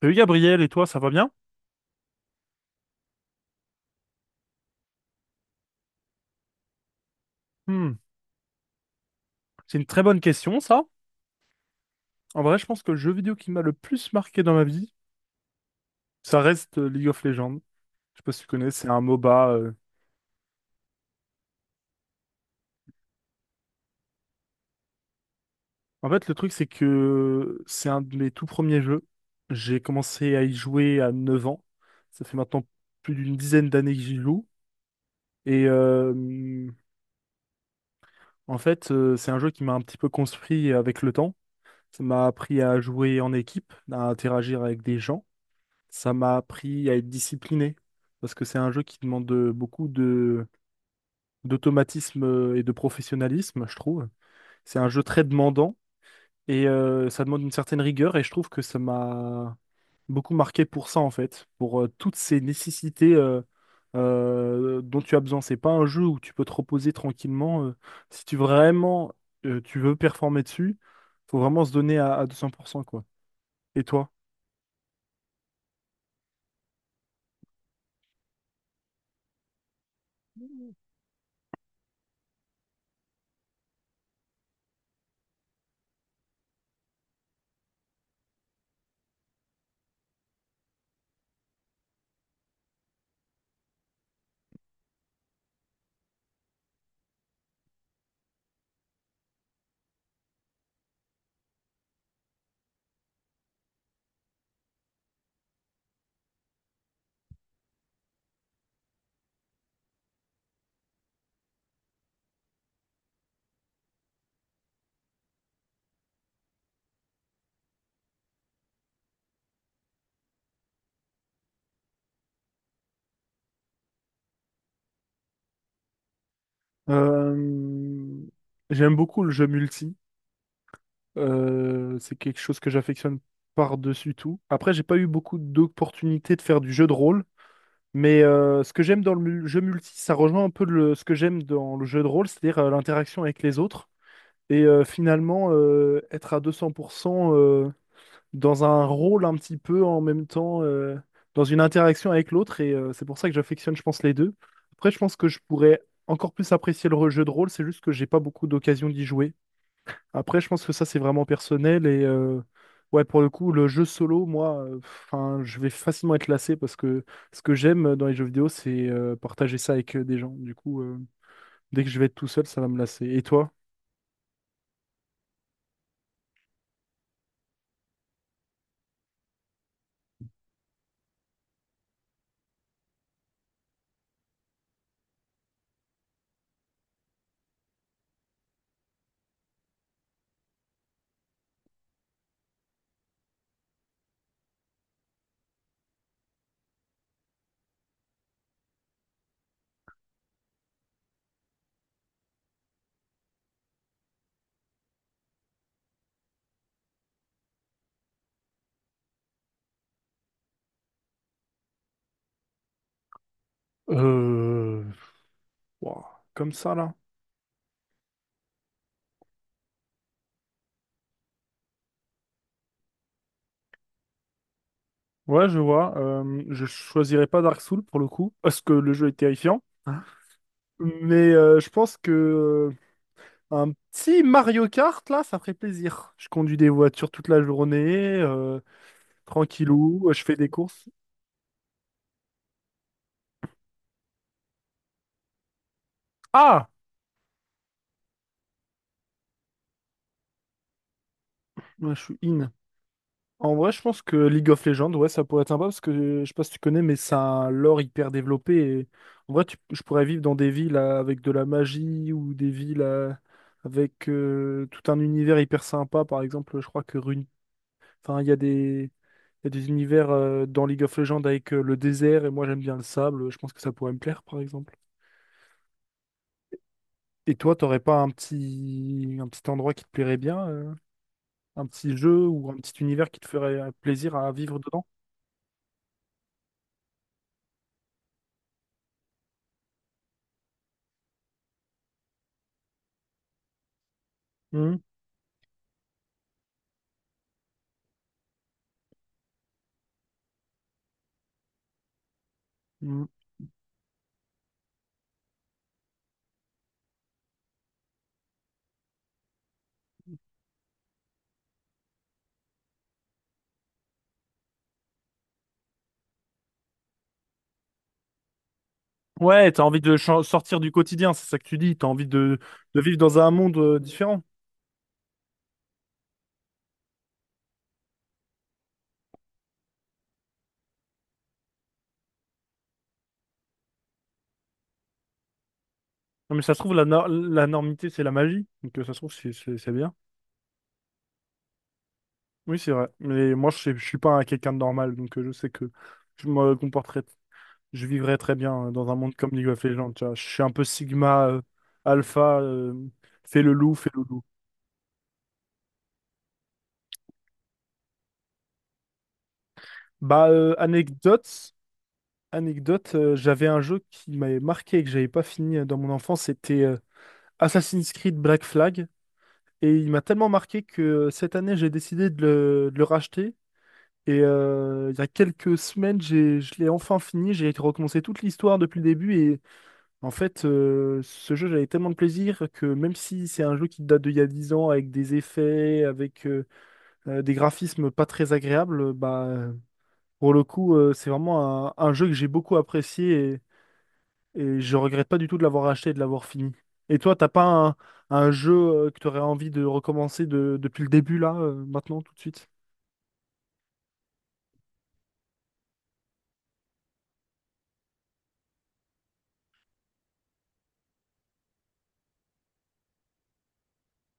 Salut Gabriel, et toi, ça va bien? Hmm, C'est une très bonne question, ça. En vrai, je pense que le jeu vidéo qui m'a le plus marqué dans ma vie, ça reste League of Legends. Je sais pas si tu connais, c'est un MOBA. En fait, le truc, c'est que c'est un de mes tout premiers jeux. J'ai commencé à y jouer à 9 ans. Ça fait maintenant plus d'une dizaine d'années que j'y joue. Et en fait, c'est un jeu qui m'a un petit peu construit avec le temps. Ça m'a appris à jouer en équipe, à interagir avec des gens. Ça m'a appris à être discipliné, parce que c'est un jeu qui demande beaucoup de d'automatisme et de professionnalisme, je trouve. C'est un jeu très demandant et ça demande une certaine rigueur et je trouve que ça m'a beaucoup marqué pour ça en fait, pour toutes ces nécessités dont tu as besoin. C'est pas un jeu où tu peux te reposer tranquillement. Si tu vraiment tu veux performer dessus, faut vraiment se donner à 200% quoi. Et toi? Euh, J'aime beaucoup le jeu multi. C'est quelque chose que j'affectionne par-dessus tout. Après, j'ai pas eu beaucoup d'opportunités de faire du jeu de rôle, mais ce que j'aime dans le jeu multi, ça rejoint un peu ce que j'aime dans le jeu de rôle, c'est-à-dire l'interaction avec les autres et finalement être à 200% dans un rôle un petit peu en même temps, dans une interaction avec l'autre, et c'est pour ça que j'affectionne, je pense, les deux. Après, je pense que je pourrais encore plus apprécier le jeu de rôle, c'est juste que j'ai pas beaucoup d'occasion d'y jouer. Après, je pense que ça, c'est vraiment personnel. Et ouais, pour le coup, le jeu solo, moi, enfin, je vais facilement être lassé parce que ce que j'aime dans les jeux vidéo, c'est partager ça avec des gens. Du coup, dès que je vais être tout seul, ça va me lasser. Et toi? Euh, Ouah, comme ça, là. Ouais, je vois. Je choisirais pas Dark Souls pour le coup, parce que le jeu est terrifiant. Hein. Mais je pense que un petit Mario Kart, là, ça ferait plaisir. Je conduis des voitures toute la journée. euh, Tranquillou, je fais des courses. Ah! Ouais, je suis in. En vrai, je pense que League of Legends, ouais, ça pourrait être sympa parce que je sais pas si tu connais, mais c'est un lore hyper développé. Et en vrai, je pourrais vivre dans des villes avec de la magie ou des villes avec tout un univers hyper sympa. Par exemple, je crois que enfin, il y a des univers dans League of Legends avec le désert et moi j'aime bien le sable. Je pense que ça pourrait me plaire, par exemple. Et toi, t'aurais pas un petit endroit qui te plairait bien? Un petit jeu ou un petit univers qui te ferait plaisir à vivre dedans? Mhm. Mhm. Ouais, t'as envie de sortir du quotidien, c'est ça que tu dis. T'as envie de vivre dans un monde différent. Non, mais ça se trouve, la, nor- la normité, c'est la magie. Donc ça se trouve, c'est bien. Oui, c'est vrai. Mais moi, je suis pas un quelqu'un de normal, donc je sais que je me comporterais, je vivrais très bien dans un monde comme League of Legends. Tu vois. Je suis un peu Sigma, Alpha, fais le loup, fais le loup. Bah, Anecdote, j'avais un jeu qui m'avait marqué et que j'avais pas fini dans mon enfance, c'était Assassin's Creed Black Flag. Et il m'a tellement marqué que cette année, j'ai décidé de le racheter. Et il y a quelques semaines, je l'ai enfin fini. J'ai recommencé toute l'histoire depuis le début. Et en fait, ce jeu, j'avais tellement de plaisir que même si c'est un jeu qui date d'il y a 10 ans, avec des effets, avec des graphismes pas très agréables, bah, pour le coup, c'est vraiment un jeu que j'ai beaucoup apprécié. Et je regrette pas du tout de l'avoir acheté et de l'avoir fini. Et toi, t'as pas un jeu que tu aurais envie de recommencer depuis le début, là, maintenant, tout de suite?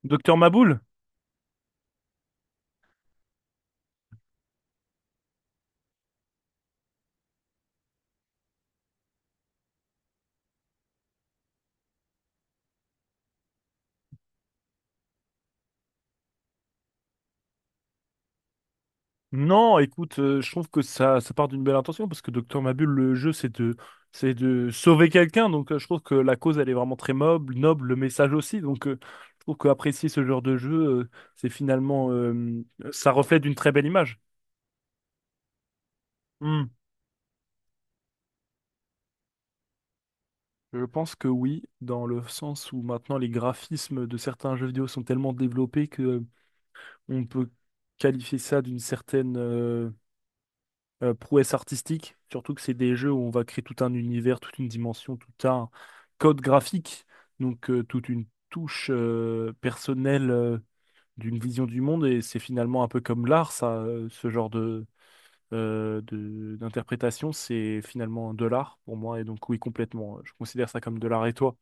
Docteur Maboul? Non, écoute, je trouve que ça part d'une belle intention parce que Docteur Mabule, le jeu, c'est de sauver quelqu'un. Donc, je trouve que la cause, elle est vraiment très noble, noble, le message aussi. Donc, je trouve qu'apprécier ce genre de jeu, c'est finalement, ça reflète une très belle image. Hmm. Je pense que oui, dans le sens où maintenant les graphismes de certains jeux vidéo sont tellement développés que on peut qualifier ça d'une certaine prouesse artistique, surtout que c'est des jeux où on va créer tout un univers, toute une dimension, tout un code graphique, donc toute une touche personnelle d'une vision du monde, et c'est finalement un peu comme l'art, ça, ce genre d'interprétation, c'est finalement de l'art pour moi, et donc oui, complètement, je considère ça comme de l'art. Et toi?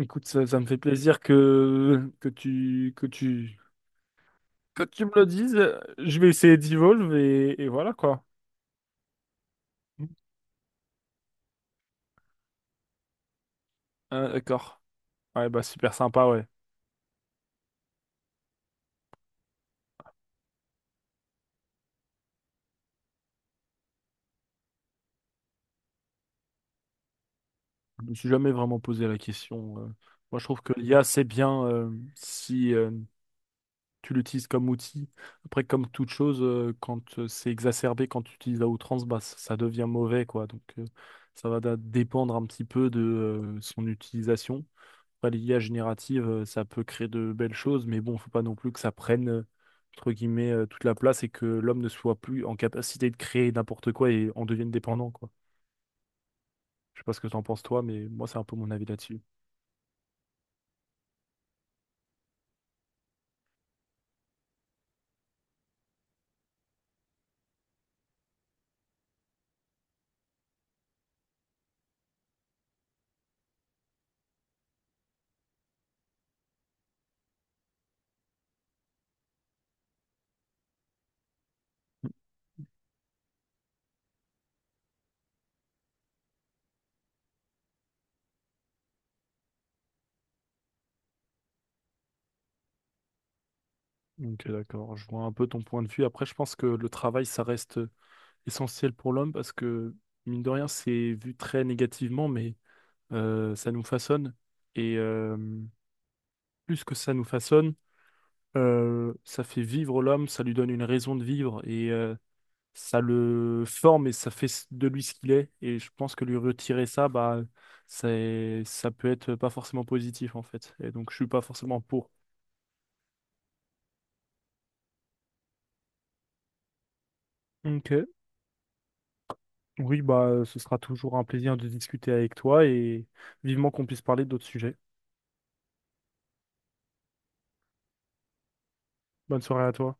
Écoute, ça me fait plaisir que tu me le dises, je vais essayer d'Evolve, et voilà quoi. Ah, d'accord. Ouais, bah super sympa, ouais. Je me suis jamais vraiment posé la question. Moi, je trouve que l'IA, c'est bien si tu l'utilises comme outil. Après, comme toute chose, quand c'est exacerbé, quand tu utilises à outrance, bah, ça devient mauvais, quoi. Donc, ça va dépendre un petit peu de son utilisation. Après, l'IA générative, ça peut créer de belles choses, mais bon, faut pas non plus que ça prenne, entre guillemets, toute la place et que l'homme ne soit plus en capacité de créer n'importe quoi et en devienne dépendant, quoi. Je sais pas ce que t'en penses toi, mais moi c'est un peu mon avis là-dessus. Ok, d'accord. Je vois un peu ton point de vue. Après, je pense que le travail, ça reste essentiel pour l'homme parce que, mine de rien, c'est vu très négativement, mais ça nous façonne. Et plus que ça nous façonne, ça fait vivre l'homme, ça lui donne une raison de vivre. Et ça le forme et ça fait de lui ce qu'il est. Et je pense que lui retirer ça, bah, ça peut être pas forcément positif en fait. Et donc je suis pas forcément pour. Ok. Oui, bah, ce sera toujours un plaisir de discuter avec toi et vivement qu'on puisse parler d'autres sujets. Bonne soirée à toi.